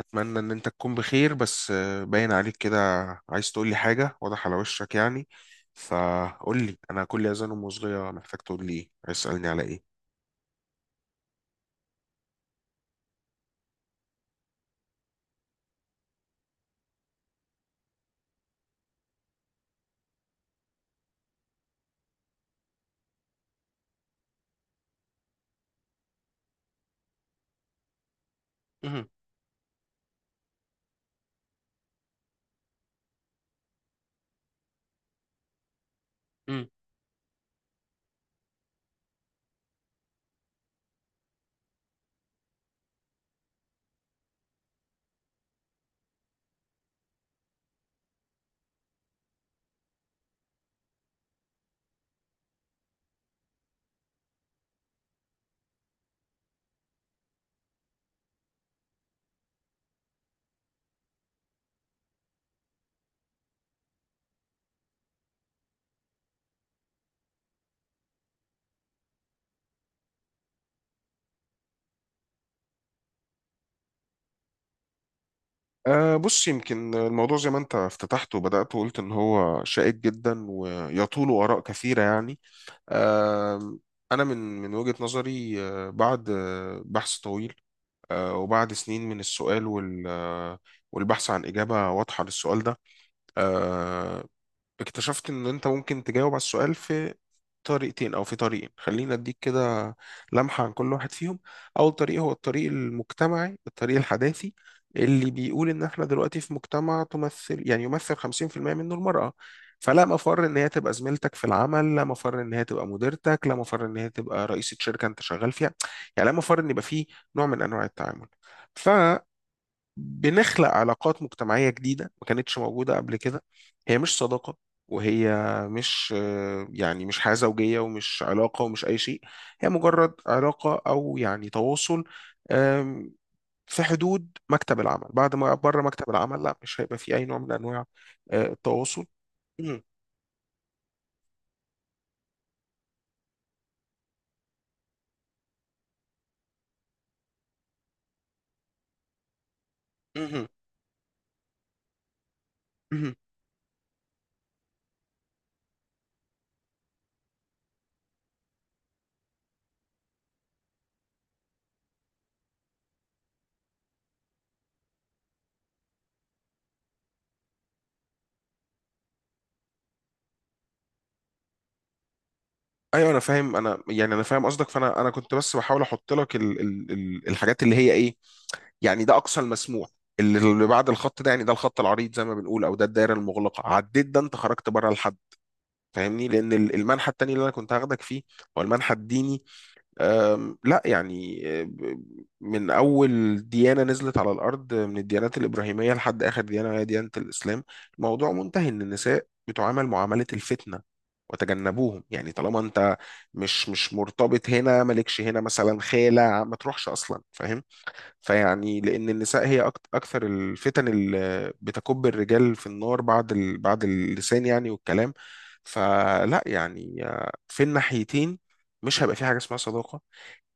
اتمنى ان انت تكون بخير بس باين عليك كده. عايز تقول لي حاجه واضح على وشك يعني. فقول لي انا كل اذان ام صغيره محتاج تقول لي ايه، عايز تسالني على ايه. مهم. مم. بص، يمكن الموضوع زي ما انت افتتحت وبدأت وقلت ان هو شائك جدا ويطول آراء كثيرة يعني. أه انا من وجهة نظري، بعد بحث طويل، وبعد سنين من السؤال والبحث عن إجابة واضحة للسؤال ده، آه، اكتشفت ان انت ممكن تجاوب على السؤال في طريقتين او في طريقين. خلينا اديك كده لمحة عن كل واحد فيهم. اول طريق هو الطريق المجتمعي، الطريق الحداثي، اللي بيقول ان احنا دلوقتي في مجتمع تمثل يعني يمثل 50% منه المرأة. فلا مفر ان هي تبقى زميلتك في العمل، لا مفر ان هي تبقى مديرتك، لا مفر ان هي تبقى رئيسة شركة انت شغال فيها. يعني لا مفر ان يبقى فيه نوع من انواع التعامل. بنخلق علاقات مجتمعية جديدة ما كانتش موجودة قبل كده. هي مش صداقة، وهي مش يعني مش حياة زوجية ومش علاقة ومش أي شيء. هي مجرد علاقة أو يعني تواصل، آم، في حدود مكتب العمل. بعد ما بره مكتب العمل لا، مش هيبقى في أي نوع من أنواع التواصل. مهم. مهم. مهم. ايوه انا فاهم، انا يعني انا فاهم قصدك. فانا كنت بس بحاول احط لك ال الحاجات اللي هي ايه يعني. ده اقصى المسموح، اللي بعد الخط ده، يعني ده الخط العريض زي ما بنقول، او ده الدايره المغلقه. عديت ده انت خرجت بره الحد، فاهمني؟ لان المنحى التاني اللي انا كنت هاخدك فيه هو المنحى الديني. لا يعني من اول ديانه نزلت على الارض من الديانات الابراهيميه لحد اخر ديانه وهي ديانه الاسلام، الموضوع منتهي ان النساء بتعامل معامله الفتنه وتجنبوهم. يعني طالما انت مش مرتبط هنا، مالكش هنا مثلا خالة، ما تروحش اصلا، فاهم؟ فيعني لأن النساء هي أكثر الفتن اللي بتكب الرجال في النار بعد بعد اللسان يعني والكلام. فلا يعني، في الناحيتين مش هيبقى في حاجة اسمها صداقة.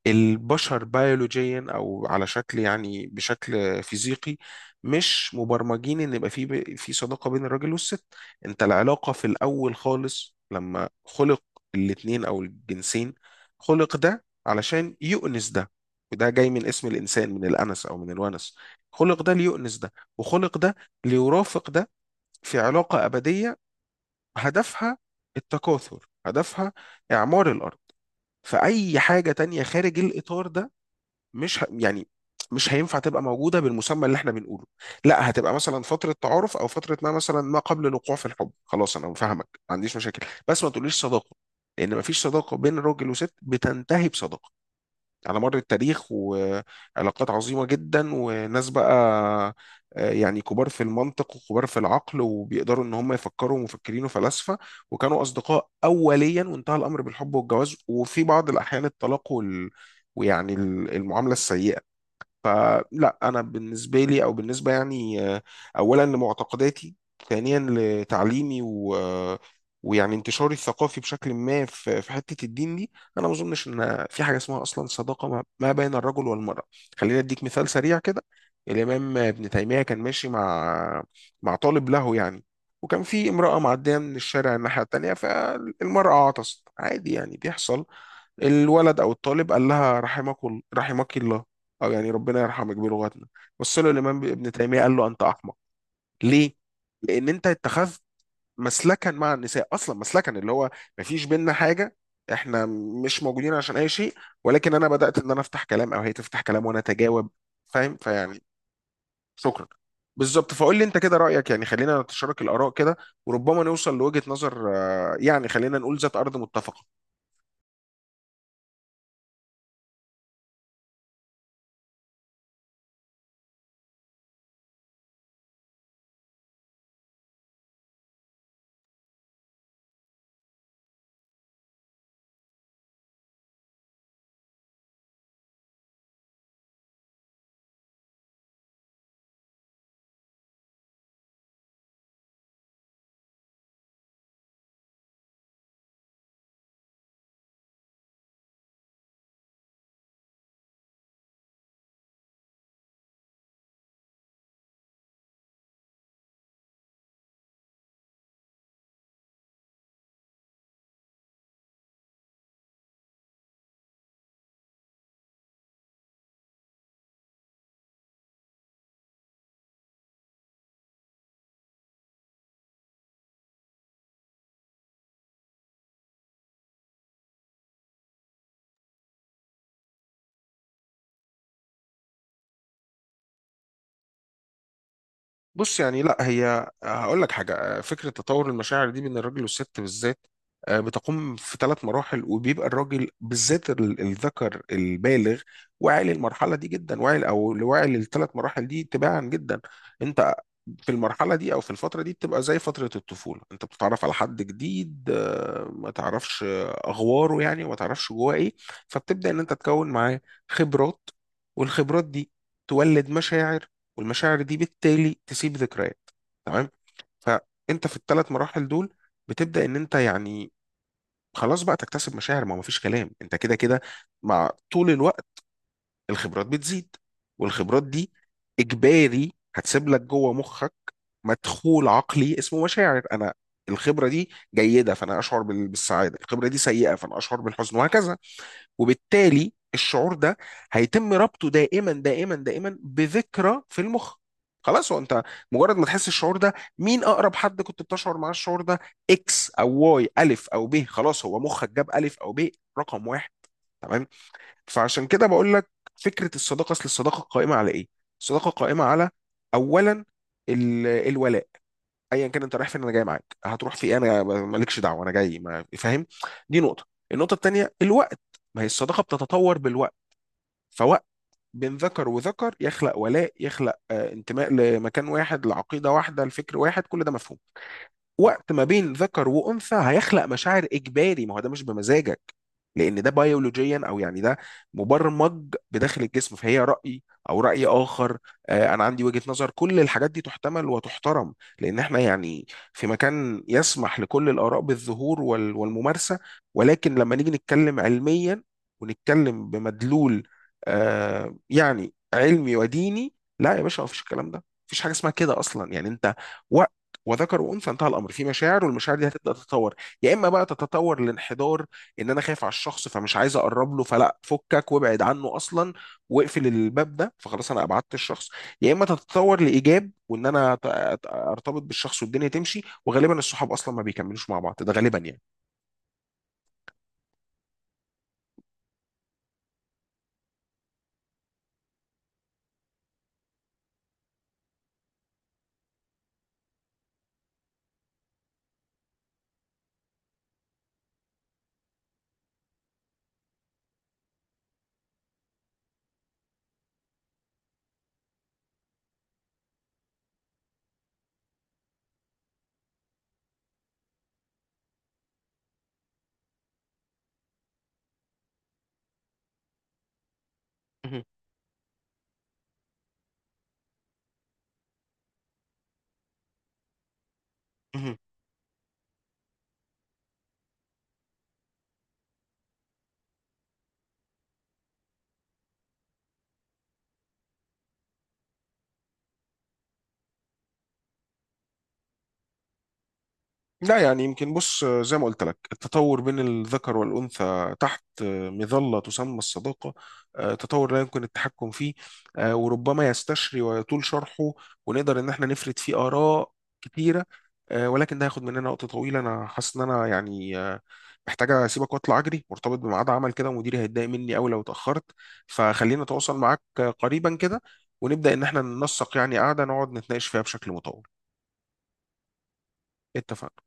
البشر بيولوجيا او على شكل يعني بشكل فيزيقي مش مبرمجين ان يبقى في في صداقه بين الراجل والست. انت العلاقه في الاول خالص لما خلق الاتنين او الجنسين، خلق ده علشان يؤنس ده. وده جاي من اسم الانسان، من الانس او من الونس. خلق ده ليؤنس ده، وخلق ده ليرافق ده، في علاقه ابديه هدفها التكاثر، هدفها اعمار الارض. فاي حاجه تانية خارج الاطار ده مش ه... يعني مش هينفع تبقى موجودة بالمسمى اللي احنا بنقوله. لا، هتبقى مثلا فترة تعارف، او فترة ما مثلا ما قبل الوقوع في الحب. خلاص انا فاهمك، ما عنديش مشاكل، بس ما تقوليش صداقة، لان ما فيش صداقة بين راجل وست بتنتهي بصداقة، على مر التاريخ. وعلاقات عظيمة جدا، وناس بقى يعني كبار في المنطق وكبار في العقل وبيقدروا ان هم يفكروا، ومفكرين وفلاسفة، وكانوا اصدقاء اوليا، وانتهى الامر بالحب والجواز وفي بعض الاحيان الطلاق ويعني المعاملة السيئة. فلا انا بالنسبه لي، او بالنسبه يعني، اولا لمعتقداتي، ثانيا لتعليمي و ويعني انتشاري الثقافي بشكل ما في في حته الدين دي، انا ما اظنش ان في حاجه اسمها اصلا صداقه ما بين الرجل والمراه. خليني اديك مثال سريع كده. الامام ابن تيميه كان ماشي مع مع طالب له يعني، وكان في امراه معديه من الشارع الناحيه التانيه، فالمراه عطست، عادي يعني بيحصل. الولد او الطالب قال لها رحمك، رحمك الله، أو يعني ربنا يرحمه يكبر لغتنا. بص له الإمام ابن تيمية قال له أنت أحمق. ليه؟ لأن أنت اتخذت مسلكا مع النساء، أصلا مسلكا اللي هو مفيش بينا حاجة. إحنا مش موجودين عشان أي شيء، ولكن أنا بدأت إن أنا أفتح كلام أو هي تفتح كلام وأنا أتجاوب. فاهم؟ فيعني شكرا. بالظبط. فقول لي أنت كده رأيك، يعني خلينا نتشارك الآراء كده، وربما نوصل لوجهة نظر، يعني خلينا نقول ذات أرض متفقة. بص يعني لا، هي هقول لك حاجه، فكره تطور المشاعر دي بين الراجل والست بالذات، بتقوم في ثلاث مراحل. وبيبقى الراجل بالذات الذكر البالغ واعي للمرحله دي جدا، واعي او واعي للثلاث مراحل دي تباعا جدا. انت في المرحله دي او في الفتره دي بتبقى زي فتره الطفوله، انت بتتعرف على حد جديد، ما تعرفش اغواره يعني، وما تعرفش جواه ايه. فبتبدا ان انت تكون معاه خبرات، والخبرات دي تولد مشاعر، والمشاعر دي بالتالي تسيب ذكريات. تمام. فانت في الثلاث مراحل دول بتبدا ان انت يعني خلاص بقى تكتسب مشاعر، ما هو مفيش كلام، انت كده كده مع طول الوقت الخبرات بتزيد، والخبرات دي اجباري هتسيب لك جوه مخك مدخول عقلي اسمه مشاعر. انا الخبره دي جيده فانا اشعر بالسعاده، الخبره دي سيئه فانا اشعر بالحزن، وهكذا. وبالتالي الشعور ده هيتم ربطه دائما دائما دائما بذكرى في المخ. خلاص، هو انت مجرد ما تحس الشعور ده، مين اقرب حد كنت بتشعر معاه الشعور ده؟ اكس او واي، الف او ب. خلاص هو مخك جاب الف او ب رقم واحد. تمام. فعشان كده بقول لك، فكره الصداقه، اصل الصداقه قائمه على ايه؟ الصداقه قائمه على اولا الولاء. ايا كان انت رايح فين انا جاي معاك، هتروح في إيه؟ انا مالكش دعوه، انا جاي، ما فاهم. دي نقطه. النقطه الثانيه، الوقت. ما هي الصداقه بتتطور بالوقت. فوقت بين ذكر وذكر يخلق ولاء، يخلق انتماء لمكان واحد، لعقيده واحده، لفكر واحد، كل ده مفهوم. وقت ما بين ذكر وانثى هيخلق مشاعر اجباري، ما هو ده مش بمزاجك، لان ده بيولوجيا او يعني ده مبرمج بداخل الجسم. فهي راي او راي اخر. انا عندي وجهة نظر، كل الحاجات دي تحتمل وتحترم، لان احنا يعني في مكان يسمح لكل الاراء بالظهور والممارسة. ولكن لما نيجي نتكلم علميا، ونتكلم بمدلول، يعني علمي وديني، لا يا باشا مفيش الكلام ده، مفيش حاجة اسمها كده أصلا. يعني أنت وذكر وانثى انتهى الامر في مشاعر، والمشاعر دي هتبدا تتطور. يا اما بقى تتطور لانحدار، ان انا خايف على الشخص، فمش عايز اقرب له، فلا فكك وابعد عنه اصلا واقفل الباب ده، فخلاص انا ابعدت الشخص. يا اما تتطور لايجاب، وان انا ارتبط بالشخص والدنيا تمشي. وغالبا الصحاب اصلا ما بيكملوش مع بعض، ده غالبا يعني. مهم. مهم. لا يعني يمكن، بص زي ما قلت لك، التطور بين الذكر والأنثى تحت مظلة تسمى الصداقة تطور لا يمكن التحكم فيه، وربما يستشري ويطول شرحه، ونقدر إن احنا نفرد فيه آراء كتيرة. ولكن ده هياخد مننا وقت طويل. أنا حاسس إن أنا يعني محتاج أسيبك وأطلع أجري، مرتبط بميعاد عمل كده ومديري هيتضايق مني أوي لو اتأخرت. فخلينا أتواصل معاك قريبا كده، ونبدأ إن احنا ننسق يعني قعدة نقعد نتناقش فيها بشكل مطول. اتفقنا.